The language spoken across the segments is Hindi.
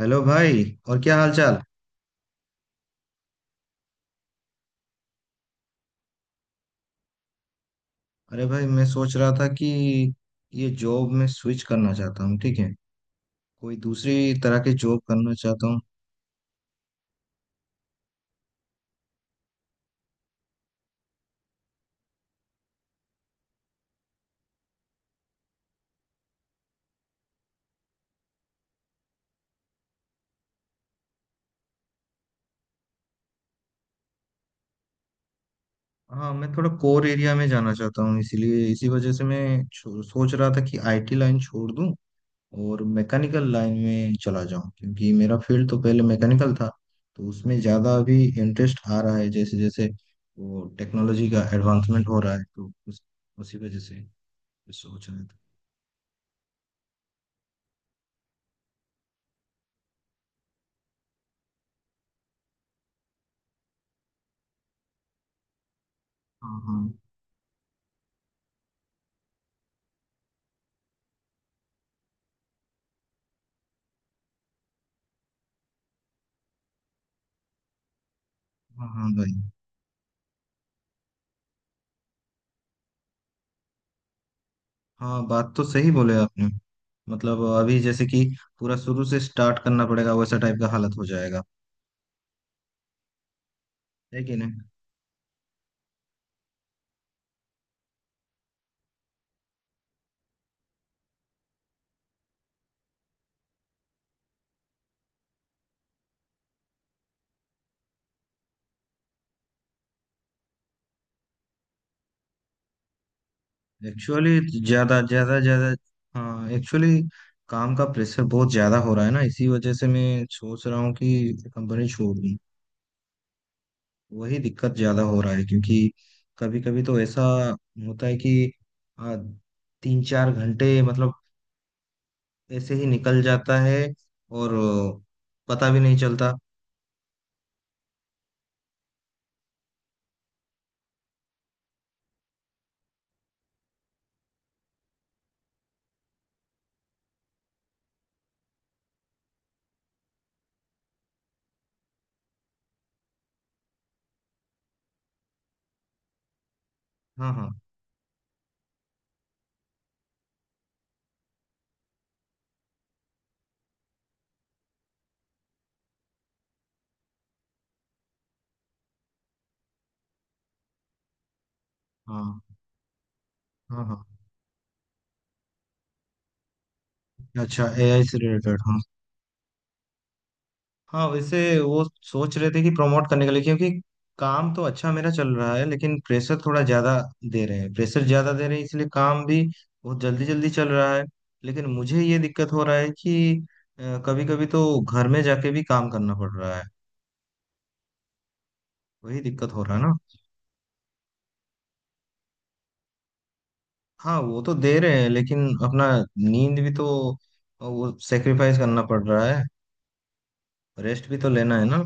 हेलो भाई। और क्या हाल चाल। अरे भाई मैं सोच रहा था कि ये जॉब में स्विच करना चाहता हूँ ठीक है। कोई दूसरी तरह की जॉब करना चाहता हूँ। हाँ मैं थोड़ा कोर एरिया में जाना चाहता हूँ इसीलिए इसी वजह से मैं सोच रहा था कि आईटी लाइन छोड़ दूँ और मैकेनिकल लाइन में चला जाऊँ क्योंकि मेरा फील्ड तो पहले मैकेनिकल था। तो उसमें ज़्यादा अभी इंटरेस्ट आ रहा है जैसे जैसे वो टेक्नोलॉजी का एडवांसमेंट हो रहा है तो उसी वजह से सोच रहा था। हाँ, हाँ। हाँ, हाँ भाई। हाँ बात तो सही बोले आपने। मतलब अभी जैसे कि पूरा शुरू से स्टार्ट करना पड़ेगा वैसा टाइप का हालत हो जाएगा। है कि नहीं। एक्चुअली ज्यादा ज्यादा ज्यादा हाँ, एक्चुअली काम का प्रेशर बहुत ज्यादा हो रहा है ना इसी वजह से मैं सोच रहा हूँ कि कंपनी छोड़ दूँ। वही दिक्कत ज्यादा हो रहा है क्योंकि कभी कभी तो ऐसा होता है कि आ, 3-4 घंटे मतलब ऐसे ही निकल जाता है और पता भी नहीं चलता। हाँ, हाँ, हाँ, हाँ, हाँ। अच्छा एआई से रिलेटेड, हाँ। हाँ वैसे वो सोच रहे थे कि प्रमोट करने के लिए क्योंकि काम तो अच्छा मेरा चल रहा है लेकिन प्रेशर थोड़ा ज्यादा दे रहे हैं। प्रेशर ज्यादा दे रहे हैं इसलिए काम भी बहुत जल्दी जल्दी चल रहा है। लेकिन मुझे ये दिक्कत हो रहा है कि कभी कभी तो घर में जाके भी काम करना पड़ रहा है। वही दिक्कत हो रहा है ना। हाँ वो तो दे रहे हैं लेकिन अपना नींद भी तो वो सेक्रीफाइस करना पड़ रहा है। रेस्ट भी तो लेना है ना।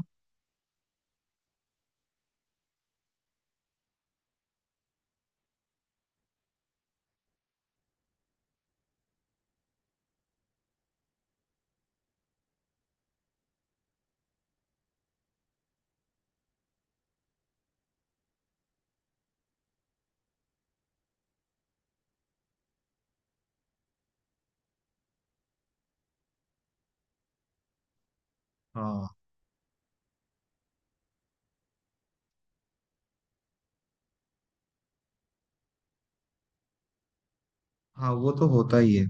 हाँ, हाँ वो तो होता ही है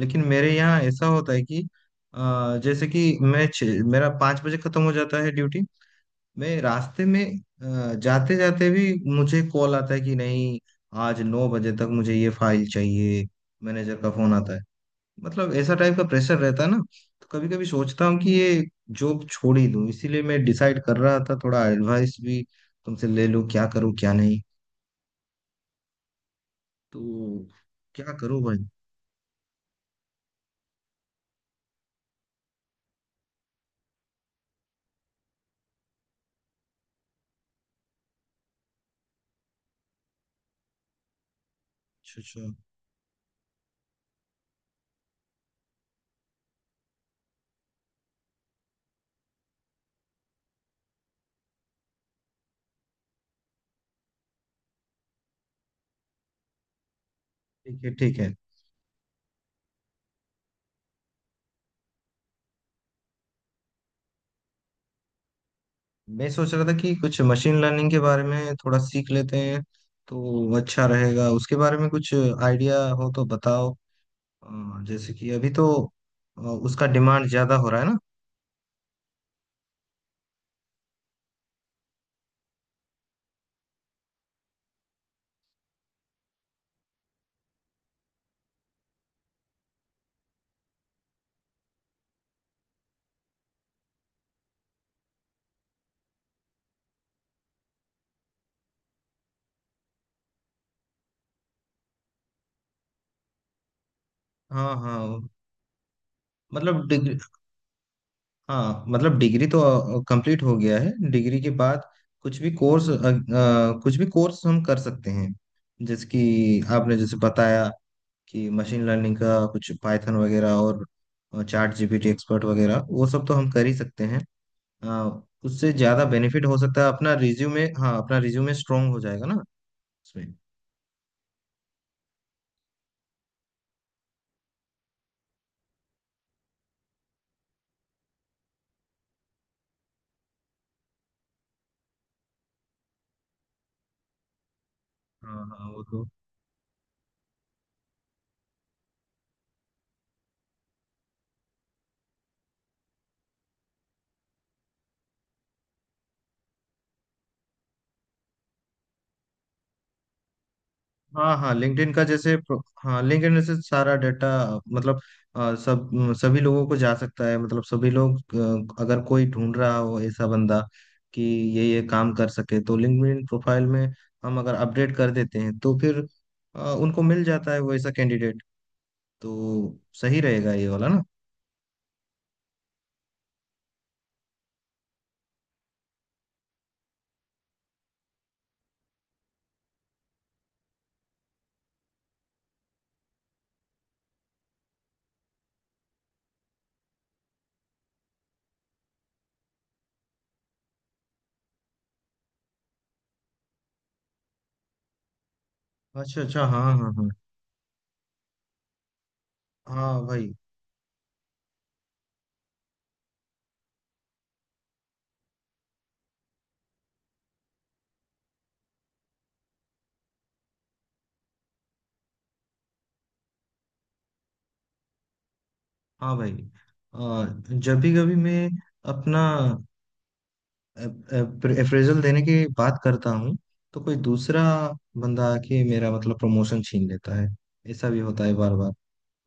लेकिन मेरे यहाँ ऐसा होता है कि जैसे कि मैं मेरा 5 बजे खत्म हो जाता है ड्यूटी। मैं रास्ते में जाते जाते भी मुझे कॉल आता है कि नहीं आज 9 बजे तक मुझे ये फाइल चाहिए। मैनेजर का फोन आता है। मतलब ऐसा टाइप का प्रेशर रहता है ना। तो कभी कभी सोचता हूँ कि ये जॉब छोड़ ही दूँ इसीलिए मैं डिसाइड कर रहा था थोड़ा एडवाइस भी तुमसे ले लूँ क्या करूँ क्या नहीं तो। क्या करूँ भाई। अच्छा, अच्छा। ठीक है, ठीक है। मैं सोच रहा था कि कुछ मशीन लर्निंग के बारे में थोड़ा सीख लेते हैं तो अच्छा रहेगा उसके बारे में कुछ आइडिया हो तो बताओ। जैसे कि अभी तो अ, उसका डिमांड ज्यादा हो रहा है ना। हाँ, हाँ मतलब डिग्री, हाँ मतलब डिग्री तो कंप्लीट हो गया है। डिग्री के बाद कुछ भी कोर्स कुछ भी कोर्स हम कर सकते हैं। जैसे कि आपने जैसे बताया कि मशीन लर्निंग का कुछ पाइथन वगैरह और चैट जीपीटी एक्सपर्ट वगैरह वो सब तो हम कर ही सकते हैं। हाँ, उससे ज्यादा बेनिफिट हो सकता है। अपना रिज्यूमे, हाँ, अपना रिज्यूमे स्ट्रांग हो जाएगा ना उसमें। हाँ, हाँ वो तो। हाँ, हाँ लिंक्डइन का जैसे हाँ लिंक्डइन से सारा डाटा। मतलब सब सभी लोगों को जा सकता है मतलब सभी लोग। अगर कोई ढूंढ रहा हो ऐसा बंदा कि ये काम कर सके तो लिंक्डइन प्रोफाइल में हम अगर अपडेट कर देते हैं तो फिर उनको मिल जाता है वैसा कैंडिडेट। तो सही रहेगा ये वाला ना। अच्छा, अच्छा। हाँ, हाँ, हाँ। हाँ भाई। हाँ भाई। आ, जब भी कभी मैं अपना अप्रेजल देने की बात करता हूँ तो कोई दूसरा बंदा आके मेरा मतलब प्रमोशन छीन लेता है। ऐसा भी होता है बार बार।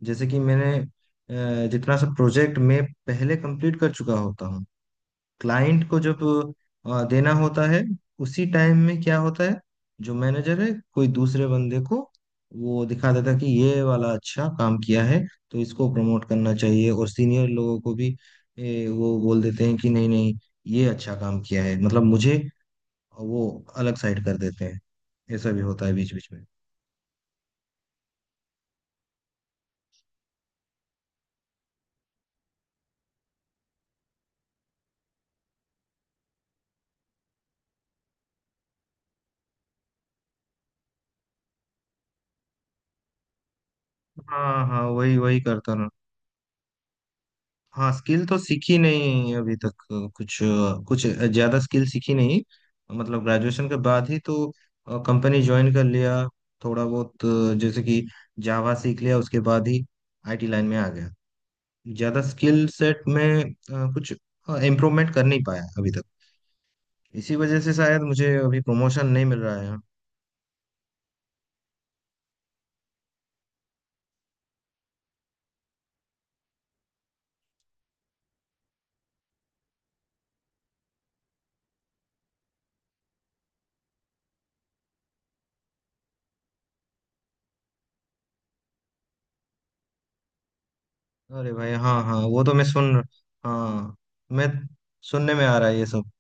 जैसे कि मैंने जितना सा प्रोजेक्ट मैं पहले कंप्लीट कर चुका होता हूँ क्लाइंट को जब देना होता है उसी टाइम में क्या होता है जो मैनेजर है कोई दूसरे बंदे को वो दिखा देता है कि ये वाला अच्छा काम किया है तो इसको प्रमोट करना चाहिए। और सीनियर लोगों को भी वो बोल देते हैं कि नहीं, नहीं ये अच्छा काम किया है मतलब मुझे वो अलग साइड कर देते हैं। ऐसा भी होता है बीच बीच में। हाँ, हाँ वही वही करता। हाँ स्किल तो सीखी नहीं अभी तक कुछ कुछ ज्यादा स्किल सीखी नहीं। मतलब ग्रेजुएशन के बाद ही तो कंपनी ज्वाइन कर लिया थोड़ा बहुत जैसे कि जावा सीख लिया उसके बाद ही आईटी लाइन में आ गया। ज्यादा स्किल सेट में कुछ इम्प्रूवमेंट कर नहीं पाया अभी तक इसी वजह से शायद मुझे अभी प्रमोशन नहीं मिल रहा है। अरे भाई, हाँ, हाँ वो तो मैं सुन हाँ मैं सुनने में आ रहा है ये सब।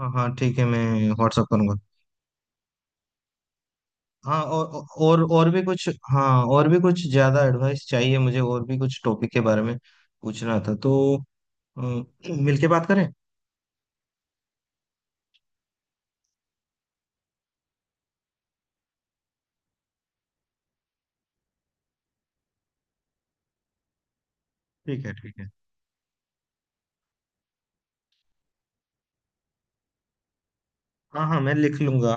हाँ, हाँ ठीक है मैं व्हाट्सअप करूंगा। हाँ और और भी कुछ, हाँ और भी कुछ ज्यादा एडवाइस चाहिए मुझे और भी कुछ टॉपिक के बारे में पूछना था तो अ, मिलके बात करें। ठीक है, ठीक है। हाँ, हाँ मैं लिख लूंगा।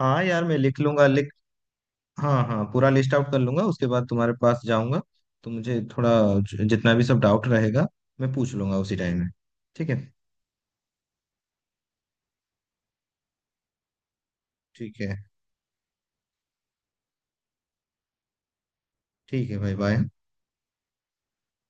हाँ यार मैं लिख लूंगा, लिख। हाँ, हाँ पूरा लिस्ट आउट कर लूंगा उसके बाद तुम्हारे पास जाऊंगा तो मुझे थोड़ा जितना भी सब डाउट रहेगा मैं पूछ लूंगा उसी टाइम में। ठीक है। ठीक है। ठीक है भाई बाय।